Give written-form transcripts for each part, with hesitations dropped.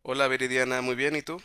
Hola Viridiana, muy bien, ¿y tú?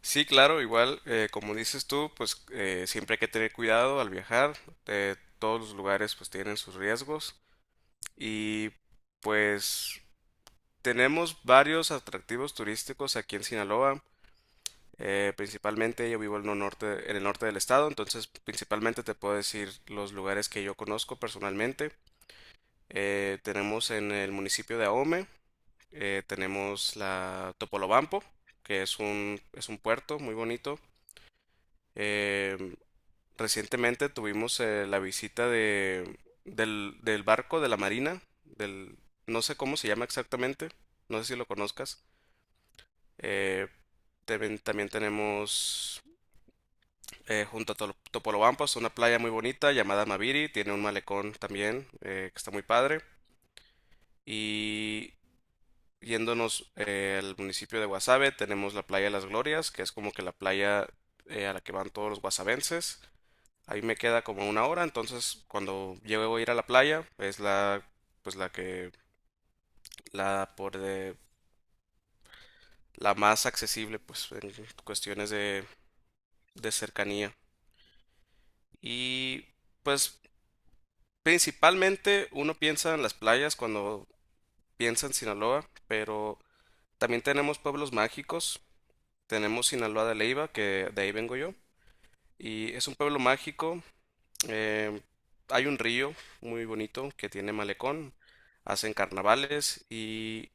Sí, claro, igual, como dices tú, pues siempre hay que tener cuidado al viajar. Todos los lugares pues tienen sus riesgos y pues tenemos varios atractivos turísticos aquí en Sinaloa. Principalmente yo vivo en el norte del estado, entonces principalmente te puedo decir los lugares que yo conozco personalmente. Tenemos en el municipio de Ahome, tenemos la Topolobampo, que es es un puerto muy bonito. Eh, Recientemente tuvimos la visita del barco de la Marina, del, no sé cómo se llama exactamente, no sé si lo conozcas. Eh, también tenemos junto a Topolobampas una playa muy bonita llamada Maviri, tiene un malecón también que está muy padre. Y yéndonos al municipio de Guasave tenemos la playa de las Glorias, que es como que la playa a la que van todos los guasavenses. Ahí me queda como una hora, entonces cuando llego a ir a la playa, es la, pues la que, la por de, la más accesible, pues en cuestiones de cercanía. Y pues principalmente uno piensa en las playas cuando piensa en Sinaloa, pero también tenemos pueblos mágicos. Tenemos Sinaloa de Leiva, que de ahí vengo yo, y es un pueblo mágico. Eh, Hay un río muy bonito que tiene malecón, hacen carnavales y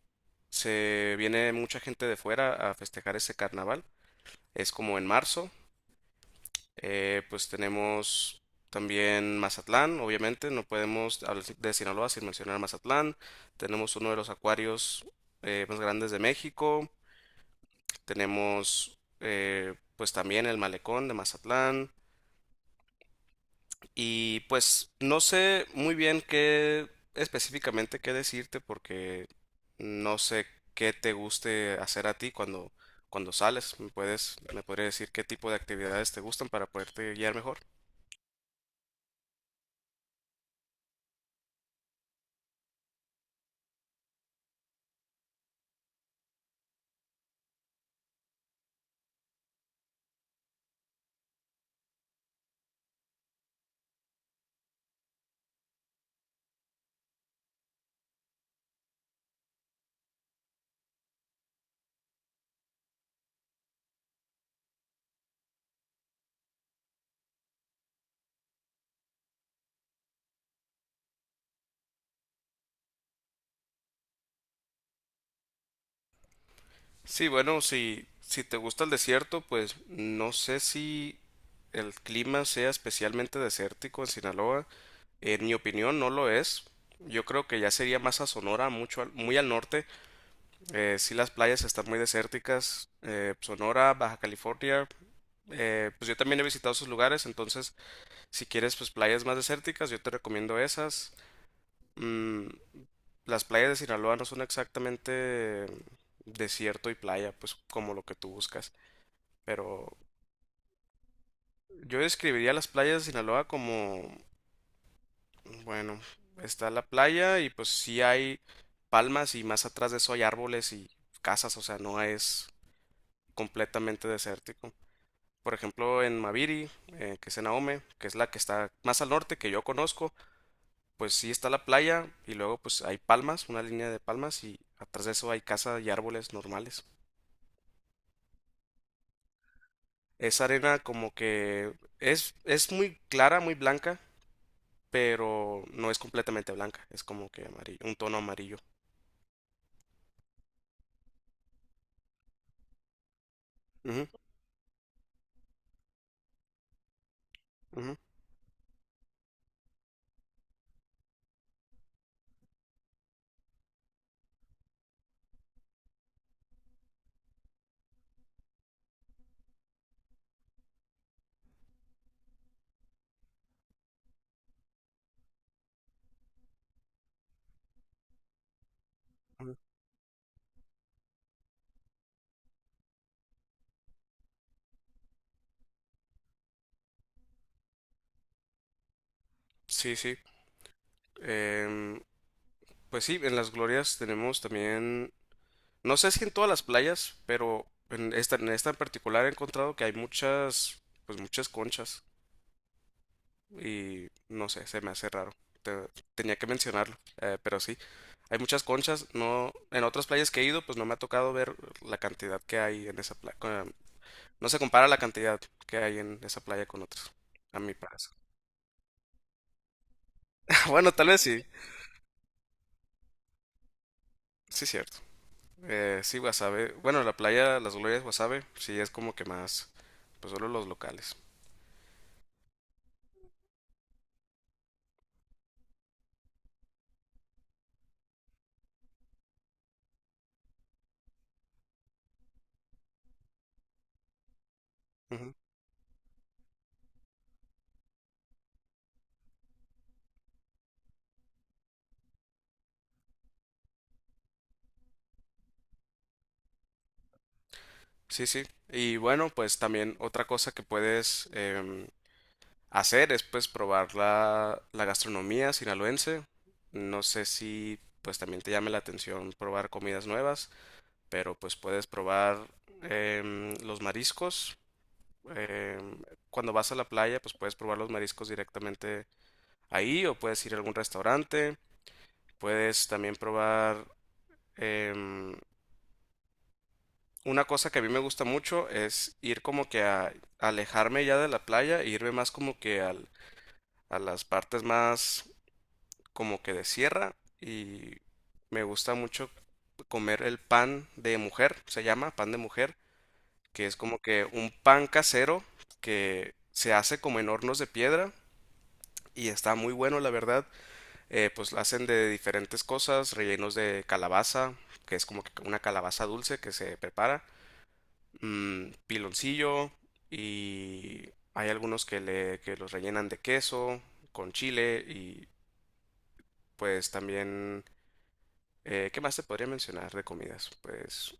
se viene mucha gente de fuera a festejar ese carnaval. Es como en marzo. Pues tenemos también Mazatlán, obviamente, no podemos hablar de Sinaloa sin mencionar Mazatlán. Tenemos uno de los acuarios más grandes de México. Tenemos pues también el malecón de Mazatlán. Y pues no sé muy bien qué específicamente qué decirte porque no sé qué te guste hacer a ti cuando sales. Me podrías decir qué tipo de actividades te gustan para poderte guiar mejor? Sí, bueno, si te gusta el desierto, pues no sé si el clima sea especialmente desértico en Sinaloa. En mi opinión no lo es. Yo creo que ya sería más a Sonora, muy al norte. Sí, las playas están muy desérticas. Sonora, Baja California. Pues yo también he visitado esos lugares, entonces si quieres pues playas más desérticas, yo te recomiendo esas. Mm, las playas de Sinaloa no son exactamente desierto y playa, pues como lo que tú buscas. Pero yo describiría las playas de Sinaloa como, bueno, está la playa y pues sí hay palmas y más atrás de eso hay árboles y casas, o sea, no es completamente desértico. Por ejemplo, en Maviri, que es en Ahome, que es la que está más al norte que yo conozco, pues sí está la playa y luego pues hay palmas, una línea de palmas y atrás de eso hay casa y árboles normales. Esa arena como que es muy clara, muy blanca, pero no es completamente blanca, es como que amarillo, un tono amarillo. Ujú, ujú, ujú. Sí, sí. Em, pues sí, en las glorias tenemos también. No sé si en todas las playas, pero en esta, en esta en particular he encontrado que hay muchas, pues muchas conchas. Y no sé, se me hace raro. Te- tenía que mencionarlo, pero sí. Hay muchas conchas, no, en otras playas que he ido, pues no me ha tocado ver la cantidad que hay en esa playa. No se compara la cantidad que hay en esa playa con otras, a mi parecer. Bueno, tal vez sí, sí cierto. Sí, Guasave. Bueno, la playa Las Glorias Guasave, sí es como que más, pues solo los locales. Sí, sí. Y bueno, pues también otra cosa que puedes hacer es pues probar la gastronomía sinaloense. No sé si pues también te llame la atención probar comidas nuevas, pero pues puedes probar los mariscos. em, Cuando vas a la playa, pues puedes probar los mariscos directamente ahí o puedes ir a algún restaurante. Puedes también probar em, una cosa que a mí me gusta mucho es ir como que a alejarme ya de la playa e irme más como que a las partes más como que de sierra y me gusta mucho comer el pan de mujer, se llama pan de mujer, que es como que un pan casero que se hace como en hornos de piedra y está muy bueno la verdad. Pues lo hacen de diferentes cosas, rellenos de calabaza, que es como que una calabaza dulce que se prepara piloncillo y hay algunos que los rellenan de queso con chile y pues también ¿qué más te podría mencionar de comidas? Pues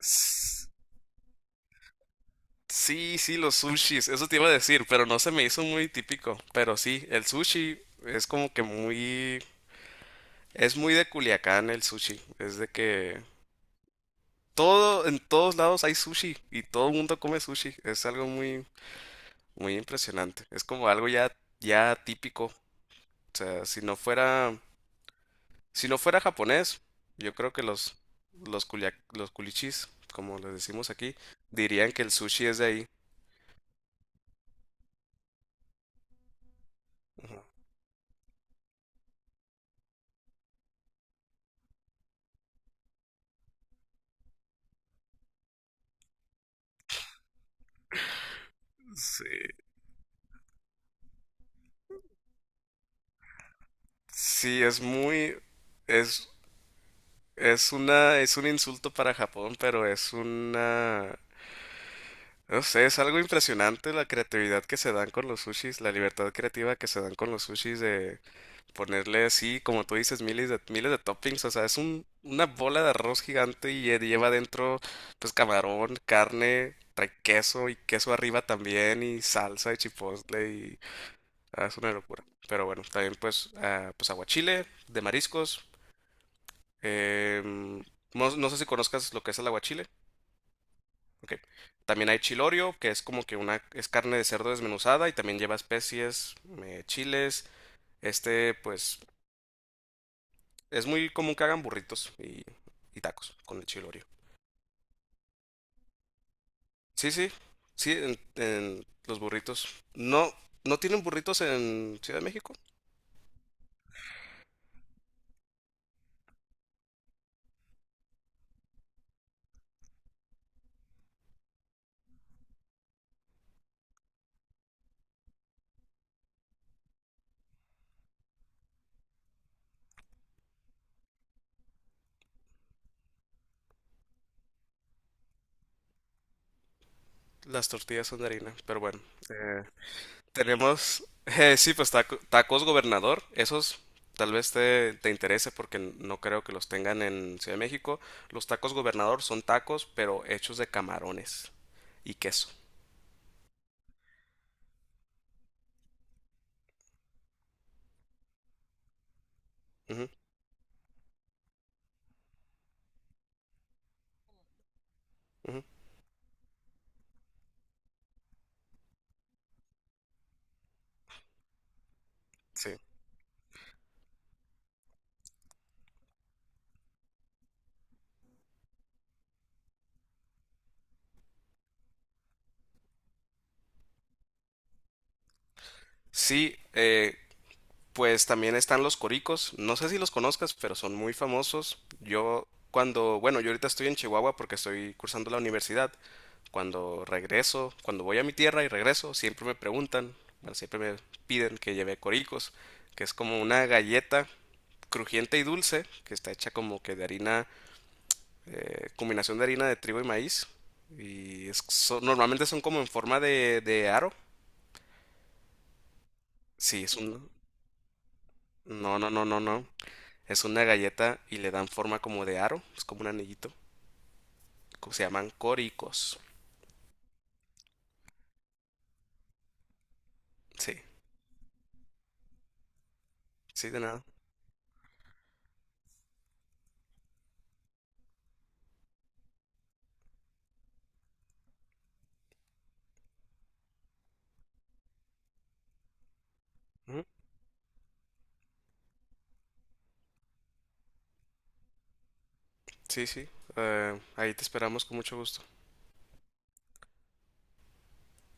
S- sí, sí, los sushis, eso te iba a decir, pero no se me hizo muy típico. Pero sí, el sushi es como que muy... Es muy de Culiacán el sushi. Es de que todo, en todos lados hay sushi y todo el mundo come sushi. Es algo muy, muy impresionante. Es como algo ya, ya típico. O sea, si no fuera japonés, yo creo que los culichis, como les decimos aquí, dirían que el sushi es de ahí. Sí. Sí, es es, es una, es un insulto para Japón, pero es una, no sé, es algo impresionante la creatividad que se dan con los sushis, la libertad creativa que se dan con los sushis de ponerle así, como tú dices, miles de toppings, o sea, es un, una bola de arroz gigante y lleva dentro, pues, camarón, carne, trae queso y queso arriba también y salsa y chipotle y ah, es una locura. Pero bueno, también pues, ah, pues aguachile de mariscos. em, no, no sé si conozcas lo que es el aguachile. Ok. También hay chilorio, que es como que una, es carne de cerdo desmenuzada y también lleva especies, chiles. Este, pues, es muy común que hagan burritos y tacos con el chilorio. Sí, sí, sí, en los burritos. No, no tienen burritos en Ciudad de México. Las tortillas son de harina, pero bueno. Eh, Tenemos, sí, pues tacos gobernador. Esos tal vez te interese porque no creo que los tengan en Ciudad de México. Los tacos gobernador son tacos, pero hechos de camarones y queso. Ujú, ujú, sí. Sí, pues también están los coricos, no sé si los conozcas, pero son muy famosos. Yo cuando, bueno, yo ahorita estoy en Chihuahua porque estoy cursando la universidad. Cuando regreso, cuando voy a mi tierra y regreso, siempre me preguntan, bueno, siempre me piden que lleve coricos, que es como una galleta crujiente y dulce, que está hecha como que de harina, combinación de harina de trigo y maíz. Y normalmente son como en forma de aro. Sí, es un... No, no, no, no, no. Es una galleta y le dan forma como de aro, es como un anillito. Se llaman coricos. Sí, sí, de nada. Ujú. Sí, sí. Ahí te esperamos con mucho gusto.